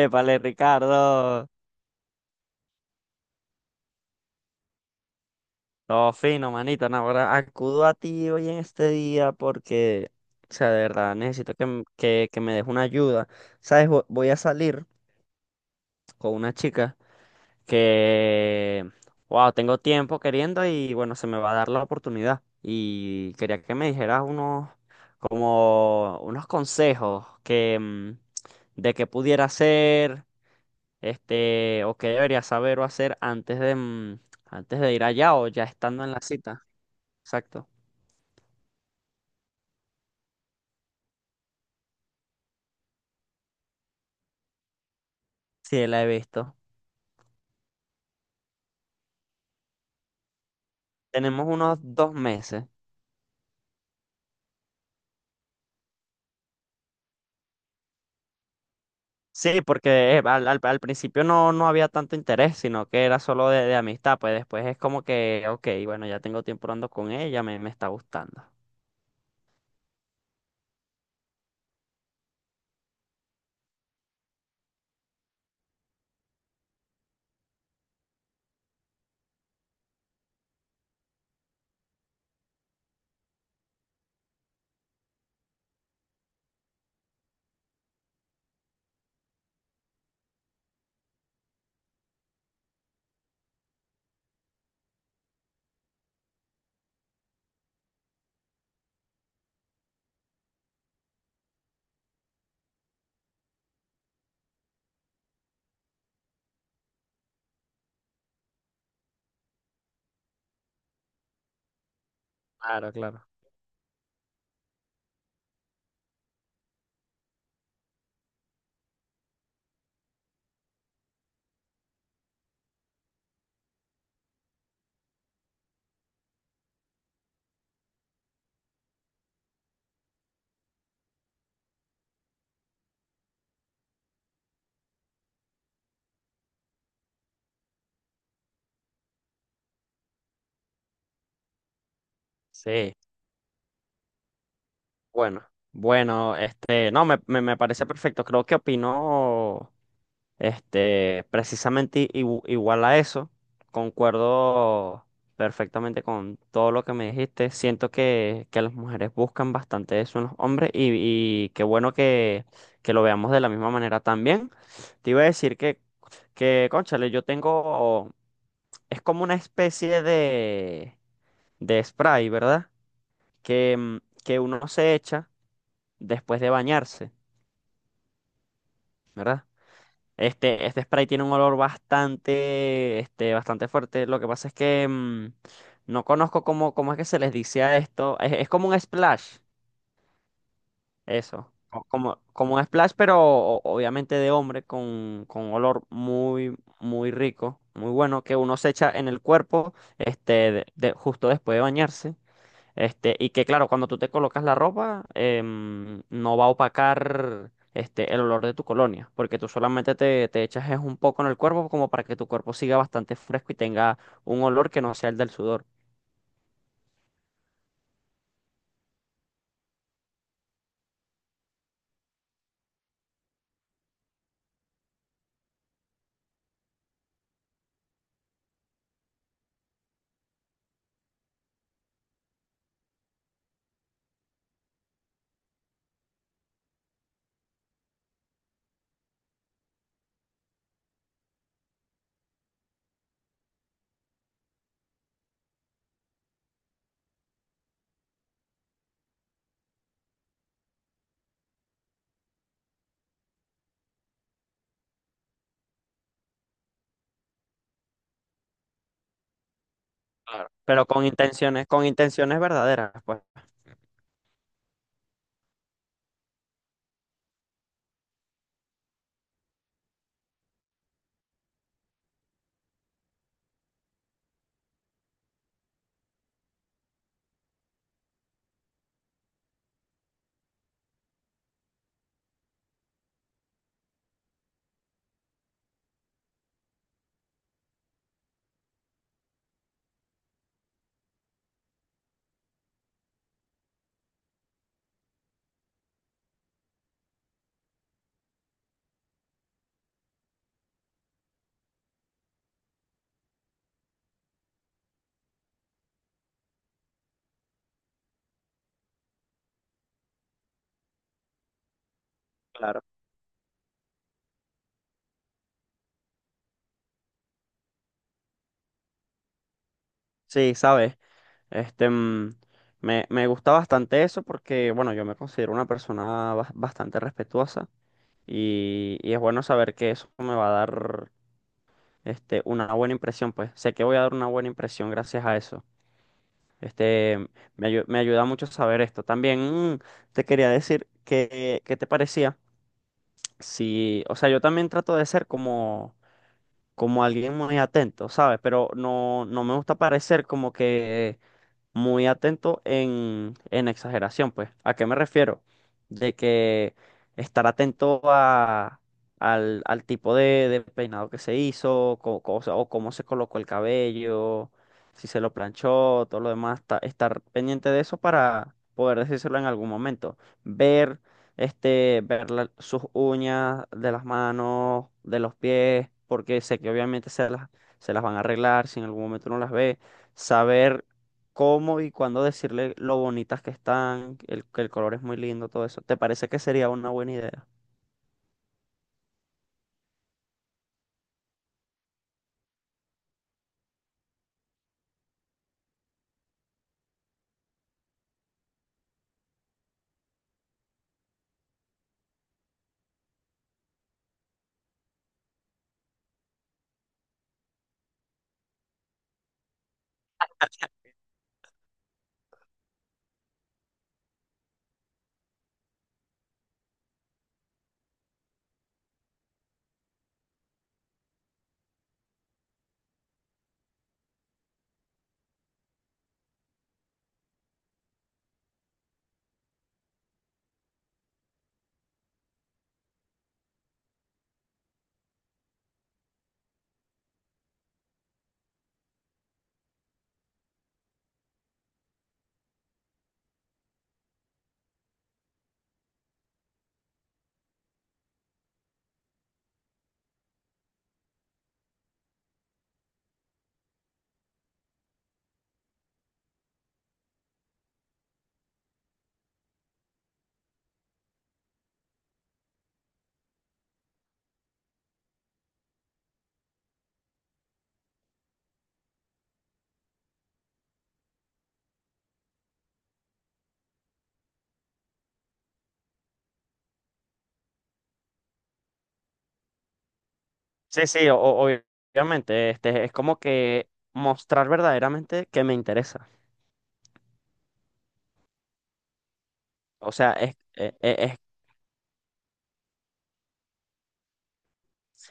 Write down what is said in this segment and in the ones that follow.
Épale, Ricardo. Todo fino, manito. No, ahora acudo a ti hoy en este día porque, o sea, de verdad, necesito que me des una ayuda. ¿Sabes? Voy a salir con una chica que, wow, tengo tiempo queriendo y, bueno, se me va a dar la oportunidad. Y quería que me dijeras unos, como, unos consejos de qué pudiera hacer. Este, o qué debería saber o hacer antes de ir allá o ya estando en la cita. Exacto. Sí, la he visto. Tenemos unos dos meses. Sí, porque al principio no, no había tanto interés, sino que era solo de amistad. Pues después es como que, ok, bueno, ya tengo tiempo hablando con ella, me está gustando. Claro, claro. Sí, bueno. Bueno, este, no, me parece perfecto. Creo que opino. Este, precisamente igual a eso, concuerdo perfectamente con todo lo que me dijiste. Siento que las mujeres buscan bastante eso en los hombres y qué bueno que lo veamos de la misma manera también. Te iba a decir que, cónchale, yo tengo, es como una especie de spray, ¿verdad? Que, mm, que uno se echa después de bañarse, ¿verdad? Este spray tiene un olor bastante, este, bastante fuerte. Lo que pasa es que no conozco cómo es que se les dice a esto. Es como un splash, eso. Como como un splash, pero obviamente de hombre, con olor muy, muy rico, muy bueno, que uno se echa en el cuerpo, este, justo después de bañarse. Este, y que claro, cuando tú te colocas la ropa, em, no va a opacar este, el olor de tu colonia, porque tú solamente te echas es un poco en el cuerpo como para que tu cuerpo siga bastante fresco y tenga un olor que no sea el del sudor. Claro, pero con intenciones verdaderas, pues claro. Sí, sabes, este, mm, me gusta bastante eso porque, bueno, yo me considero una persona bastante respetuosa y es bueno saber que eso me va a dar este, una buena impresión, pues sé que voy a dar una buena impresión gracias a eso. Este, me ayuda mucho saber esto. También mm, te quería decir que, ¿qué te parecía? Sí, o sea, yo también trato de ser como, como alguien muy atento, ¿sabes? Pero no, no me gusta parecer como que muy atento en exageración, pues. ¿A qué me refiero? De que estar atento al al tipo de peinado que se hizo, o sea, o cómo se colocó el cabello, si se lo planchó, todo lo demás, estar pendiente de eso para poder decírselo en algún momento. Ver, este, ver sus uñas de las manos, de los pies, porque sé que obviamente se las van a arreglar, si en algún momento uno las ve, saber cómo y cuándo decirle lo bonitas que están, que el color es muy lindo, todo eso. ¿Te parece que sería una buena idea? Sí, sí, obviamente, este, es como que mostrar verdaderamente que me interesa. O sea, es, e- e- es-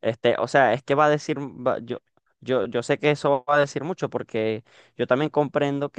este, o sea, es que va a decir, yo sé que eso va a decir mucho porque yo también comprendo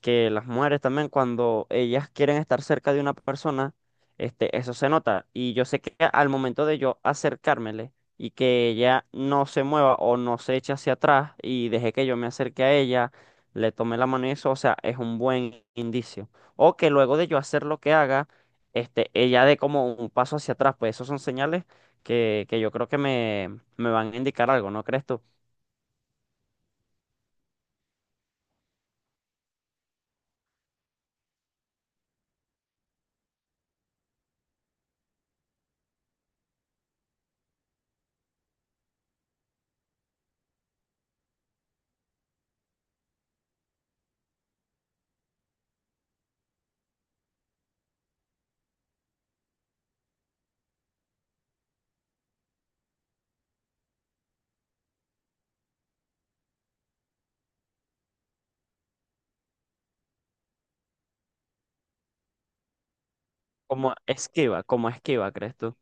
que las mujeres también cuando ellas quieren estar cerca de una persona, este, eso se nota. Y yo sé que al momento de yo acercármele y que ella no se mueva o no se eche hacia atrás y deje que yo me acerque a ella, le tome la mano y eso, o sea, es un buen indicio. O que luego de yo hacer lo que haga, este, ella dé como un paso hacia atrás, pues esos son señales que yo creo que me van a indicar algo, ¿no crees tú? Como esquiva, ¿crees tú?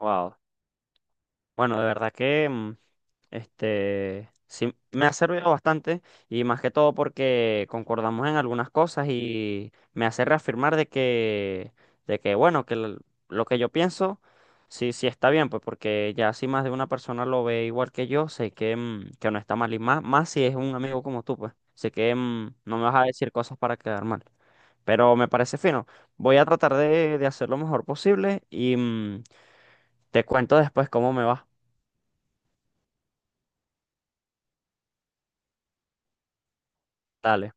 Wow. Bueno, de verdad que mm, este, sí, me ha servido bastante y más que todo porque concordamos en algunas cosas y me hace reafirmar de que bueno, lo que yo pienso, sí, sí está bien, pues porque ya si más de una persona lo ve igual que yo, sé que, mm, que no está mal y más, más si es un amigo como tú, pues sé que mm, no me vas a decir cosas para quedar mal. Pero me parece fino. Voy a tratar de hacer lo mejor posible y mm, te cuento después cómo me va. Dale.